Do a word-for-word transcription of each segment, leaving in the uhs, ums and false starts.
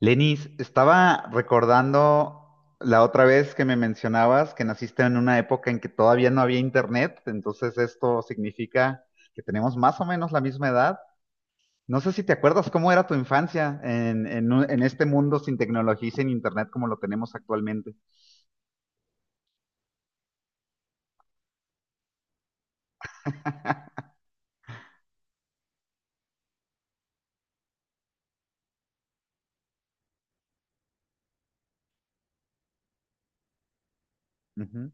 Lenis, estaba recordando la otra vez que me mencionabas que naciste en una época en que todavía no había internet, entonces esto significa que tenemos más o menos la misma edad. No sé si te acuerdas cómo era tu infancia en, en un- en este mundo sin tecnología y sin internet como lo tenemos actualmente. Ujú.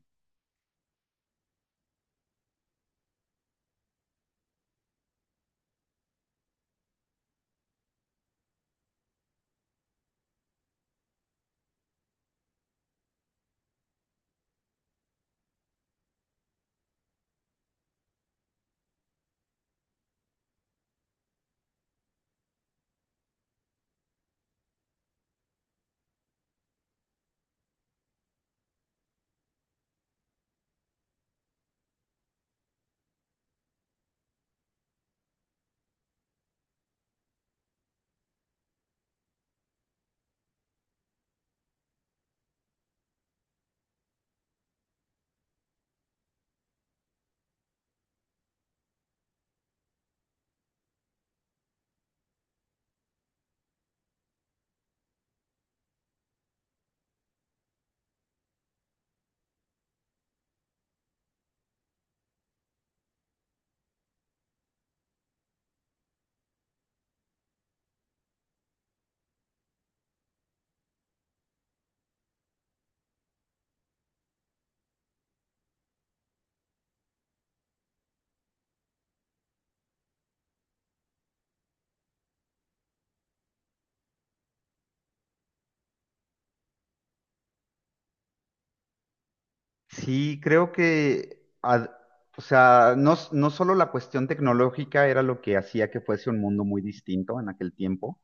Sí, creo que, ad- o sea, no, s- no solo la cuestión tecnológica era lo que hacía que fuese un mundo muy distinto en aquel tiempo,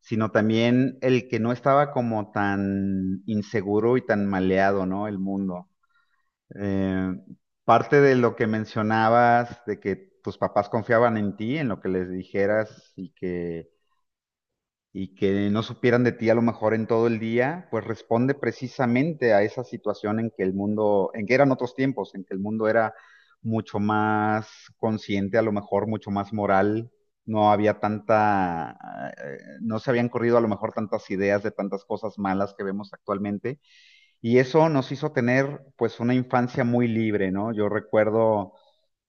sino también el que no estaba como tan inseguro y tan maleado, ¿no? El mundo. Eh, Parte de lo que mencionabas, de que tus papás confiaban en ti, en lo que les dijeras y que y que no supieran de ti a lo mejor en todo el día, pues responde precisamente a esa situación en que el mundo, en que eran otros tiempos, en que el mundo era mucho más consciente, a lo mejor mucho más moral, no había tanta, eh, no se habían corrido a lo mejor tantas ideas de tantas cosas malas que vemos actualmente, y eso nos hizo tener pues una infancia muy libre, ¿no? Yo recuerdo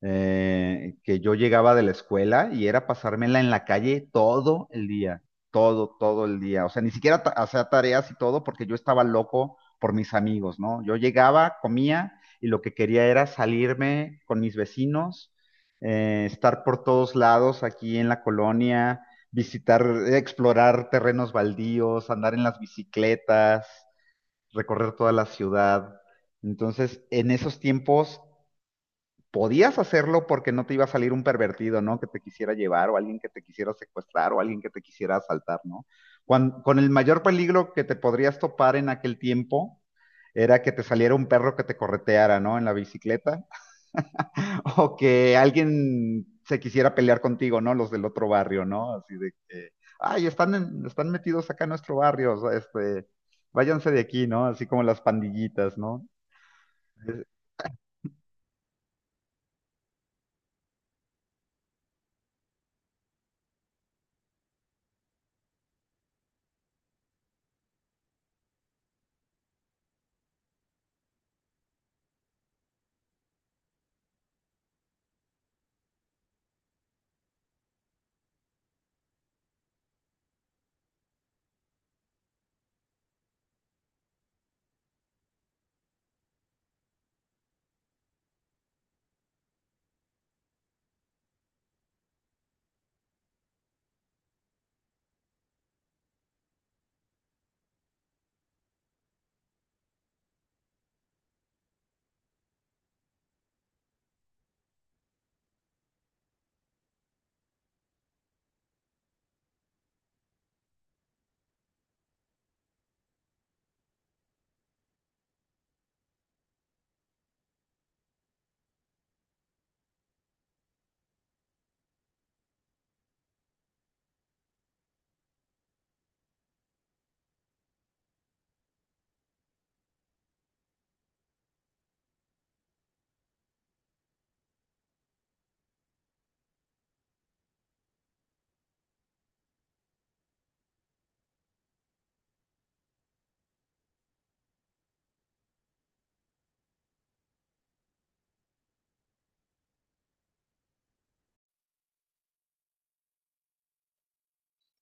eh, que yo llegaba de la escuela y era pasármela en la calle todo el día, todo, todo el día. O sea, ni siquiera ta- hacía tareas y todo porque yo estaba loco por mis amigos, ¿no? Yo llegaba, comía y lo que quería era salirme con mis vecinos, eh, estar por todos lados aquí en la colonia, visitar, explorar terrenos baldíos, andar en las bicicletas, recorrer toda la ciudad. Entonces, en esos tiempos podías hacerlo porque no te iba a salir un pervertido, ¿no? Que te quisiera llevar o alguien que te quisiera secuestrar o alguien que te quisiera asaltar, ¿no? Cuando, con el mayor peligro que te podrías topar en aquel tiempo era que te saliera un perro que te correteara, ¿no? En la bicicleta o que alguien se quisiera pelear contigo, ¿no? Los del otro barrio, ¿no? Así de que, ay, están, en, están metidos acá en nuestro barrio, o sea, este, váyanse de aquí, ¿no? Así como las pandillitas, ¿no?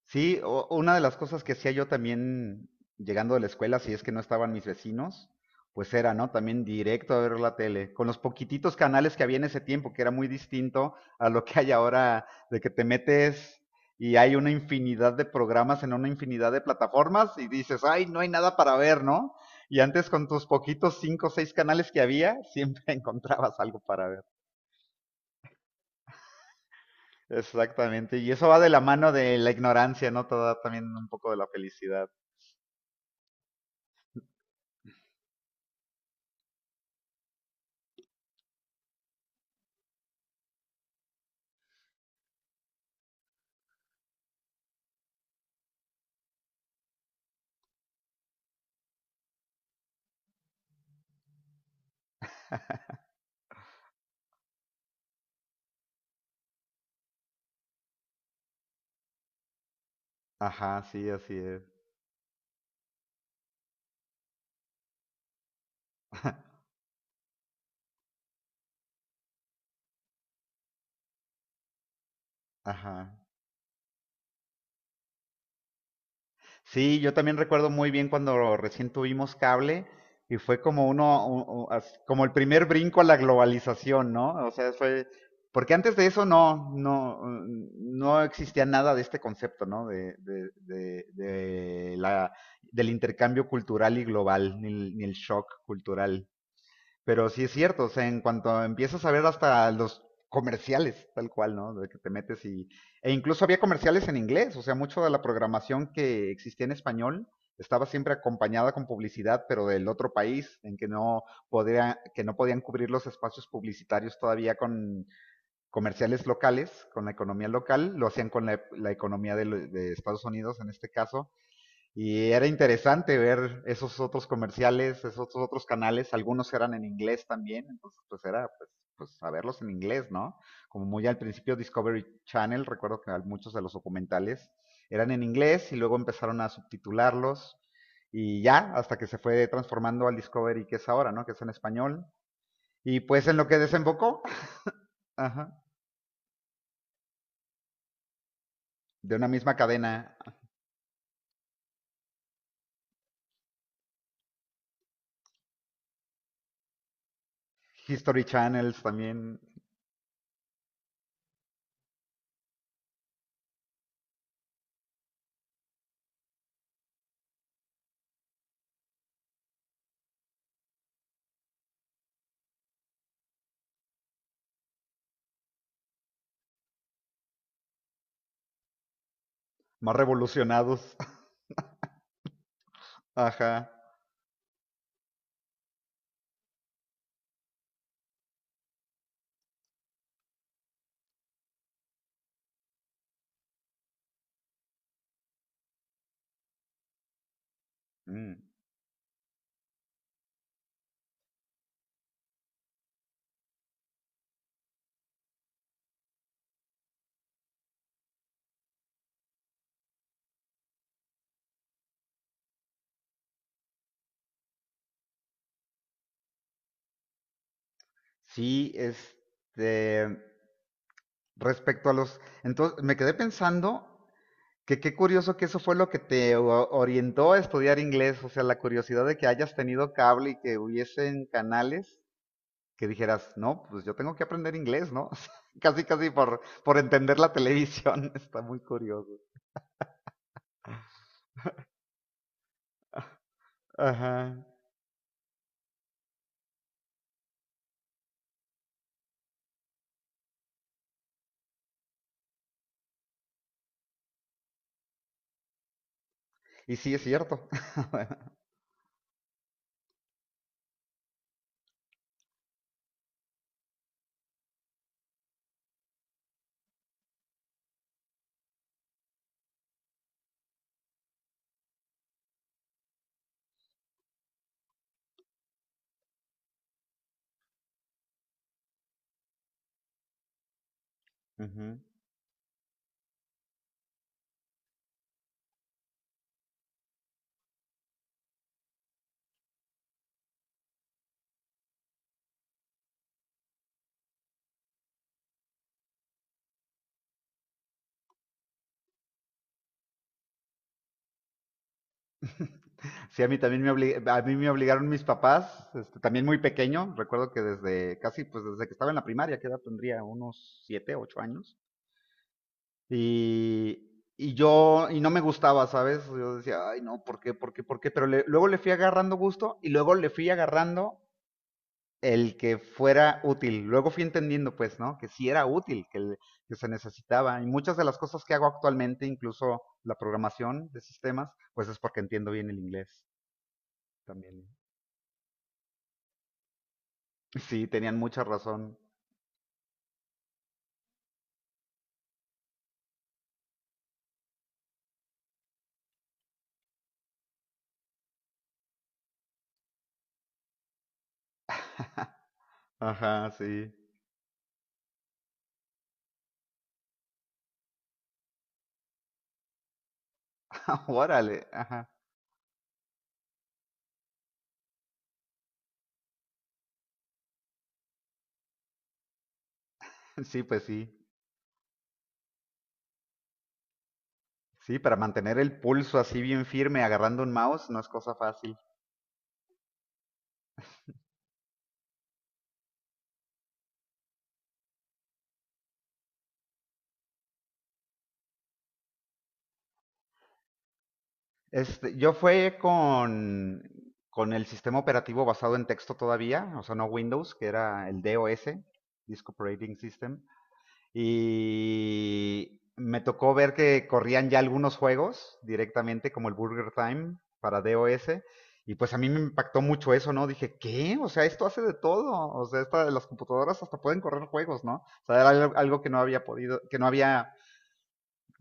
Sí, o- una de las cosas que hacía yo también llegando de la escuela, si es que no estaban mis vecinos, pues era, ¿no? También directo a ver la tele, con los poquititos canales que había en ese tiempo, que era muy distinto a lo que hay ahora, de que te metes y hay una infinidad de programas en una infinidad de plataformas y dices, ay, no hay nada para ver, ¿no? Y antes con tus poquitos cinco o seis canales que había, siempre encontrabas algo para ver. Exactamente, y eso va de la mano de la ignorancia, ¿no? Te da también un poco de la felicidad. Ajá, sí, así es. Ajá. Sí, yo también recuerdo muy bien cuando recién tuvimos cable y fue como uno, u- u- as- como el primer brinco a la globalización, ¿no? O sea, fue, porque antes de eso no, no, mm, no existía nada de este concepto, ¿no? De, de, de, de la, del intercambio cultural y global, ni el, ni el shock cultural. Pero sí es cierto, o sea, en cuanto empiezas a ver hasta los comerciales, tal cual, ¿no? De que te metes y... E incluso había comerciales en inglés, o sea, mucho de la programación que existía en español estaba siempre acompañada con publicidad, pero del otro país, en que no, podía, que no podían cubrir los espacios publicitarios todavía con comerciales locales, con la economía local, lo hacían con la, la economía de, de Estados Unidos en este caso, y era interesante ver esos otros comerciales, esos otros canales, algunos eran en inglés también, entonces pues era pues, pues saberlos en inglés, ¿no? Como muy al principio Discovery Channel, recuerdo que muchos de los documentales eran en inglés y luego empezaron a subtitularlos y ya hasta que se fue transformando al Discovery que es ahora, ¿no? Que es en español. Y pues en lo que desembocó, ajá, de una misma cadena, History Channels también, más revolucionados, ajá. Mm. Sí, este, respecto a los, entonces me quedé pensando que qué curioso que eso fue lo que te o- orientó a estudiar inglés, o sea, la curiosidad de que hayas tenido cable y que hubiesen canales que dijeras, no, pues yo tengo que aprender inglés, ¿no? Casi, casi por, por entender la televisión, está muy curioso. Ajá. Y sí, es cierto. Ujú. Sí, a mí también me, obli- a mí me obligaron mis papás, este, también muy pequeño, recuerdo que desde casi, pues desde que estaba en la primaria, que edad tendría unos siete, ocho años, y, y yo, y no me gustaba, ¿sabes? Yo decía, ay, no, ¿por qué, por qué, por qué? Pero le- luego le fui agarrando gusto y luego le fui agarrando el que fuera útil. Luego fui entendiendo, pues, ¿no? Que sí era útil, que, el- que se necesitaba. Y muchas de las cosas que hago actualmente, incluso la programación de sistemas, pues es porque entiendo bien el inglés también. Sí, tenían mucha razón. Ajá, sí. Órale, ajá. Sí, pues sí. Sí, para mantener el pulso así bien firme agarrando un mouse no es cosa fácil. Este, yo fue con, con el sistema operativo basado en texto todavía, o sea, no Windows, que era el D O S, Disk Operating System. Y me tocó ver que corrían ya algunos juegos directamente, como el Burger Time para D O S. Y pues a mí me impactó mucho eso, ¿no? Dije, ¿qué? O sea, esto hace de todo. O sea, esta, las computadoras hasta pueden correr juegos, ¿no? O sea, era algo, que no había podido, que no había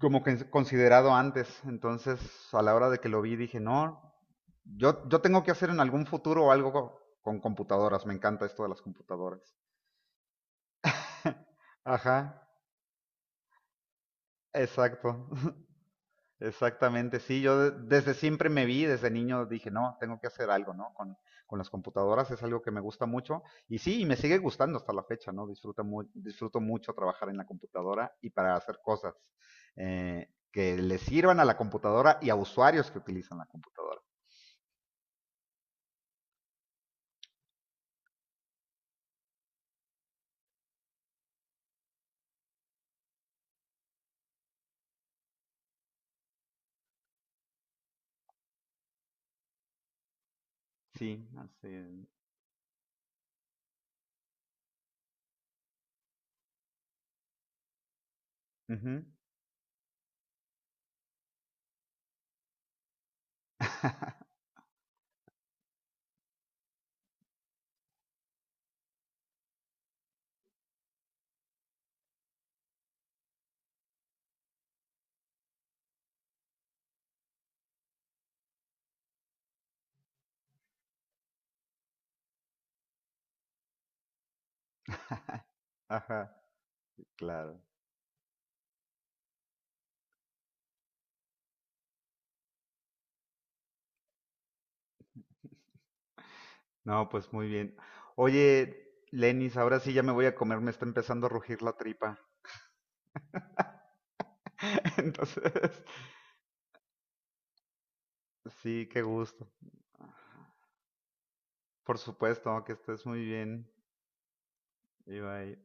como que considerado antes. Entonces, a la hora de que lo vi, dije, no, yo, yo tengo que hacer en algún futuro algo con computadoras. Me encanta esto de las computadoras. Ajá, exacto. Exactamente, sí, yo de- desde siempre me vi, desde niño dije, no, tengo que hacer algo, ¿no? Con, con las computadoras es algo que me gusta mucho y sí, y me sigue gustando hasta la fecha, ¿no? Disfruto, mu- disfruto mucho trabajar en la computadora y para hacer cosas eh, que le sirvan a la computadora y a usuarios que utilizan la computadora. Sí, así es. Ujú. Ajá, claro. No, pues muy bien. Oye, Lenis, ahora sí ya me voy a comer, me está empezando a rugir la tripa. Entonces, sí, qué gusto. Por supuesto, que estés muy bien, Ibai.